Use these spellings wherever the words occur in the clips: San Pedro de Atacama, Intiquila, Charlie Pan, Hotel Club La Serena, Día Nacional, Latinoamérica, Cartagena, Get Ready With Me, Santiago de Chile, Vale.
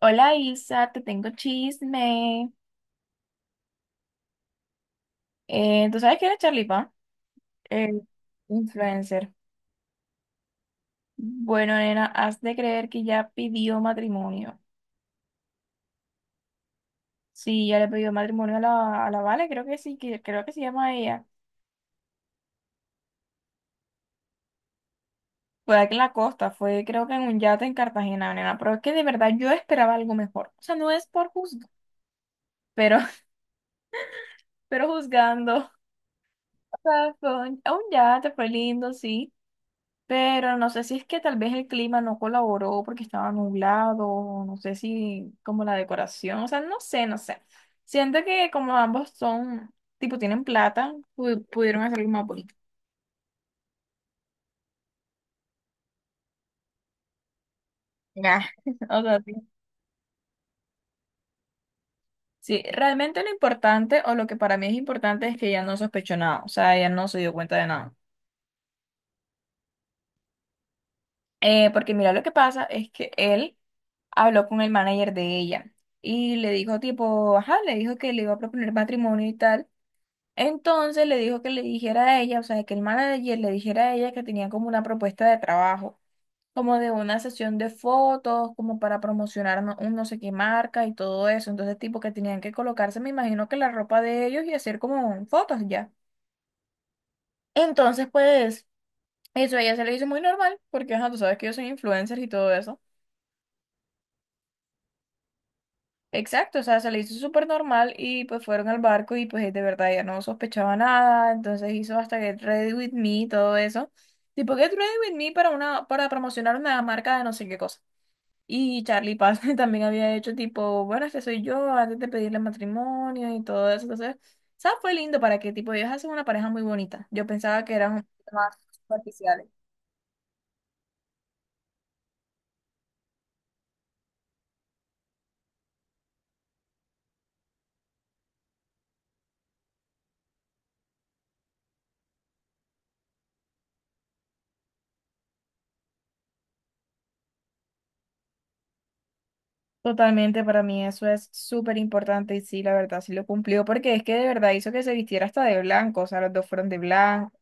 Hola Isa, te tengo chisme. ¿Tú sabes quién es Charlie Pan? El influencer. Bueno, nena, has de creer que ya pidió matrimonio. Sí, ya le pidió matrimonio a la Vale, creo que sí, que, creo que se llama ella. Fue aquí en la costa, fue creo que en un yate en Cartagena, nena. Pero es que de verdad yo esperaba algo mejor. O sea, no es por juzgar, pero, pero juzgando. O sea, fue un yate, fue lindo, sí. Pero no sé si es que tal vez el clima no colaboró porque estaba nublado, o no sé si como la decoración, o sea, no sé, no sé. Siento que como ambos son, tipo, tienen plata, pudieron hacer algo más bonito. Ya. O sea, sí. Sí, realmente lo importante, o lo que para mí es importante, es que ella no sospechó nada, o sea, ella no se dio cuenta de nada. Porque mira, lo que pasa es que él habló con el manager de ella y le dijo tipo, ajá, le dijo que le iba a proponer matrimonio y tal. Entonces le dijo que le dijera a ella, o sea, que el manager le dijera a ella que tenía como una propuesta de trabajo, como de una sesión de fotos, como para promocionar un no sé qué marca y todo eso. Entonces, tipo que tenían que colocarse, me imagino que la ropa de ellos y hacer como fotos ya. Entonces, pues, eso a ella se le hizo muy normal, porque, ajá, tú sabes que yo soy influencer y todo eso. Exacto, o sea, se le hizo súper normal y pues fueron al barco y pues de verdad ya no sospechaba nada, entonces hizo hasta Get Ready With Me y todo eso. Tipo Get Ready With Me para para promocionar una marca de no sé qué cosa. Y Charlie Paz también había hecho tipo, bueno, este soy yo, antes de pedirle matrimonio y todo eso. Entonces, ¿sabes? Fue lindo para que tipo ellos hacen una pareja muy bonita. Yo pensaba que eran un poquito más superficiales. Totalmente, para mí eso es súper importante y sí, la verdad, sí lo cumplió porque es que de verdad hizo que se vistiera hasta de blanco, o sea, los dos fueron de blanco.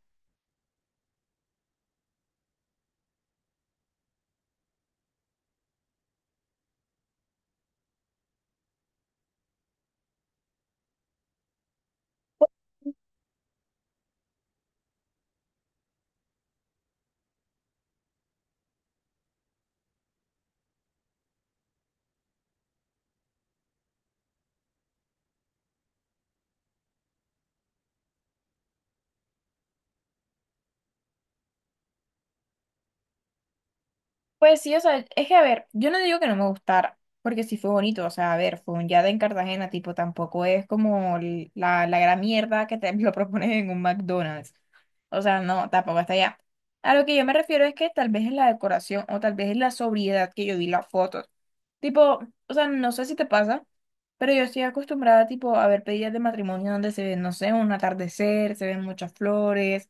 Pues sí, o sea, es que a ver, yo no digo que no me gustara, porque sí fue bonito, o sea, a ver, fue un yada en Cartagena, tipo, tampoco es como la gran mierda que te lo proponen en un McDonald's. O sea, no, tampoco hasta allá. A lo que yo me refiero es que tal vez es la decoración o tal vez es la sobriedad que yo vi las fotos. Tipo, o sea, no sé si te pasa, pero yo estoy acostumbrada tipo a ver pedidas de matrimonio donde se ve, no sé, un atardecer, se ven muchas flores,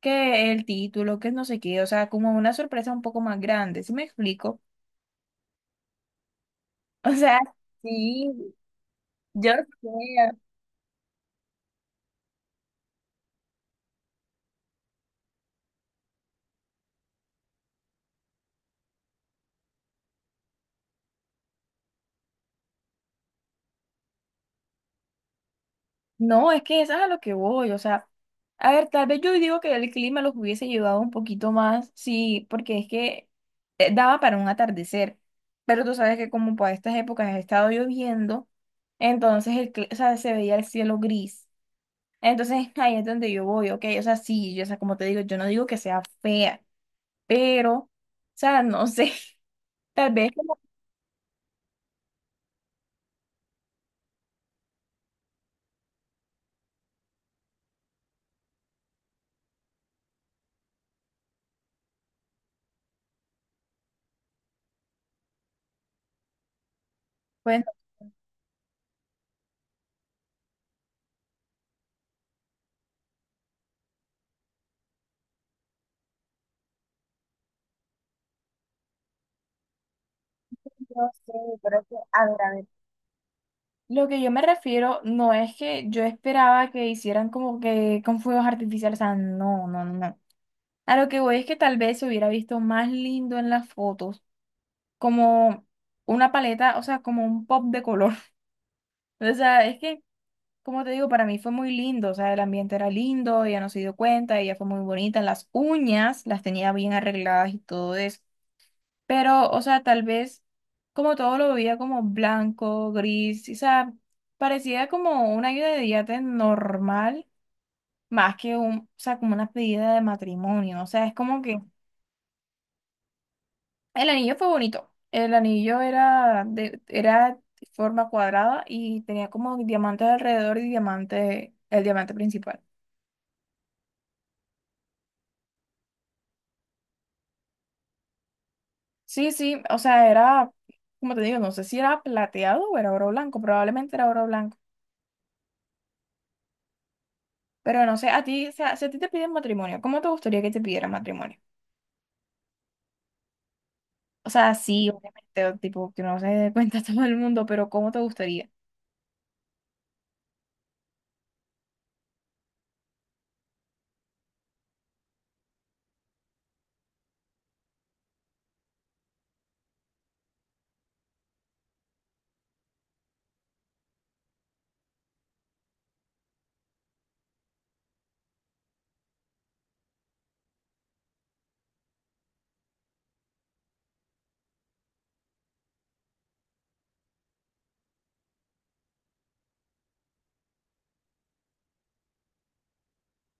que el título, que no sé qué, o sea, como una sorpresa un poco más grande, ¿sí me explico? O sea, sí, yo sé. No, es que eso es a lo que voy, o sea, a ver, tal vez yo digo que el clima los hubiese llevado un poquito más, sí, porque es que daba para un atardecer, pero tú sabes que como para estas épocas ha estado lloviendo, entonces o sea, se veía el cielo gris, entonces ahí es donde yo voy, ok, o sea, sí, yo, o sea, como te digo, yo no digo que sea fea, pero, o sea, no sé, tal vez como, pues, no sé, pero es que, a ver, a ver. Lo que yo me refiero no es que yo esperaba que hicieran como que con fuegos artificiales, o sea, no, no, no, no. A lo que voy es que tal vez se hubiera visto más lindo en las fotos, como una paleta, o sea, como un pop de color. O sea, es que, como te digo, para mí fue muy lindo, o sea, el ambiente era lindo, ella no se dio cuenta, ella fue muy bonita, las uñas las tenía bien arregladas y todo eso. Pero, o sea, tal vez como todo lo veía como blanco, gris, o sea, parecía como una ayuda de yate normal, más que un, o sea, como una pedida de matrimonio. O sea, es como que el anillo fue bonito. El anillo era de forma cuadrada y tenía como diamantes alrededor y diamante, el diamante principal. Sí, sí, o sea, era, como te digo, no sé si era plateado o era oro blanco, probablemente era oro blanco. Pero no sé, a ti, o sea, si a ti te piden matrimonio, ¿cómo te gustaría que te pidieran matrimonio? O sea, sí, obviamente, o tipo, que no se dé cuenta todo el mundo, pero ¿cómo te gustaría?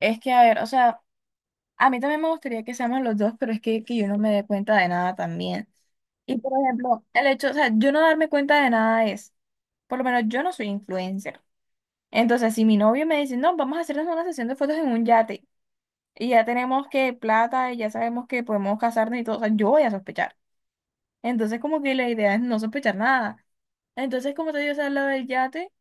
Es que, a ver, o sea, a mí también me gustaría que seamos los dos, pero es que yo no me dé cuenta de nada también. Y, por ejemplo, el hecho, o sea, yo no darme cuenta de nada es, por lo menos yo no soy influencer. Entonces, si mi novio me dice, no, vamos a hacernos una sesión de fotos en un yate, y ya tenemos que plata, y ya sabemos que podemos casarnos y todo, o sea, yo voy a sospechar. Entonces, como que la idea es no sospechar nada. Entonces, como te digo, o sea, lo del yate,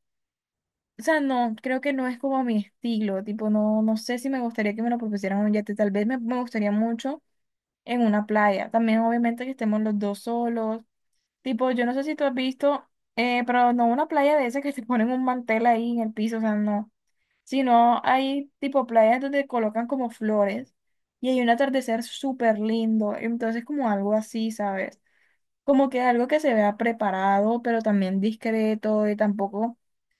o sea, no, creo que no es como mi estilo, tipo, no, no sé si me gustaría que me lo propusieran en un yate, tal vez me gustaría mucho en una playa, también obviamente que estemos los dos solos, tipo, yo no sé si tú has visto, pero no una playa de esas que te ponen un mantel ahí en el piso, o sea, no, sino hay tipo playas donde colocan como flores y hay un atardecer súper lindo, entonces como algo así, ¿sabes? Como que algo que se vea preparado, pero también discreto y tampoco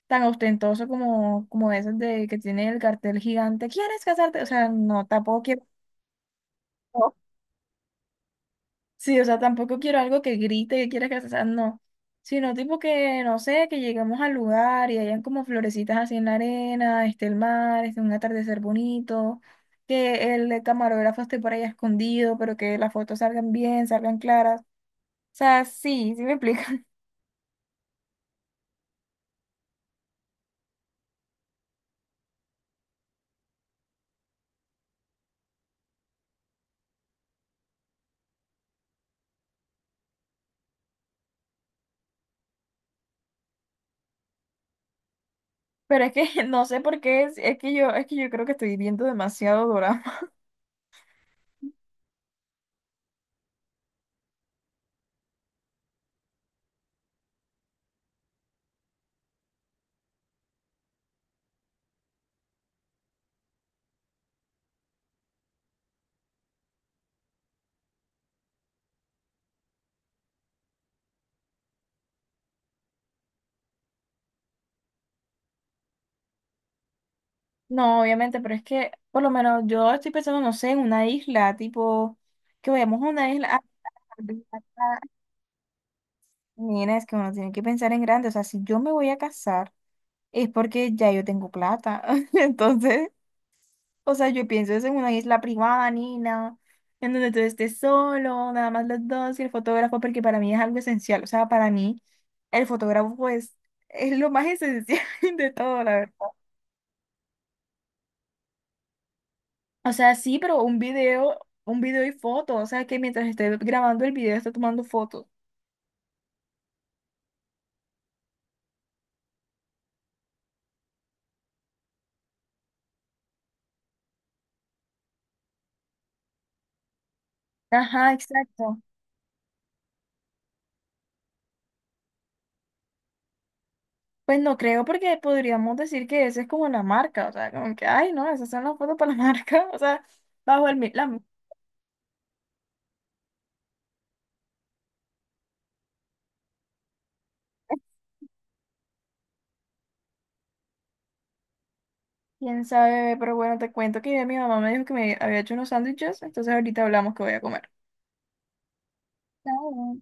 tan ostentoso como, como veces de que tiene el cartel gigante, ¿quieres casarte? O sea, no, tampoco quiero, no. Sí, o sea, tampoco quiero algo que grite que quieres casarte, o sea, no, sino tipo que, no sé, que lleguemos al lugar y hayan como florecitas así en la arena, esté el mar, esté un atardecer bonito. Que el camarógrafo esté por ahí escondido, pero que las fotos salgan bien, salgan claras. O sea, sí, sí me explico. Pero es que no sé por qué, es que yo creo que estoy viendo demasiado drama. No, obviamente, pero es que por lo menos yo estoy pensando, no sé, en una isla, tipo, que vayamos a una isla. Ah, mira, es que uno tiene que pensar en grande. O sea, si yo me voy a casar, es porque ya yo tengo plata. Entonces, o sea, yo pienso es en una isla privada, Nina, en donde tú estés solo, nada más los dos y el fotógrafo, porque para mí es algo esencial. O sea, para mí el fotógrafo es lo más esencial de todo, la verdad. O sea, sí, pero un video y foto. O sea, que mientras esté grabando el video, esté tomando fotos. Ajá, exacto. Pues no creo porque podríamos decir que esa es como la marca. O sea, como que, ay, no, esas son las fotos para la marca. O sea, bajo el... La... Quién sabe, pero bueno, te cuento que mi mamá me dijo que me había hecho unos sándwiches, entonces ahorita hablamos que voy a comer. Chao.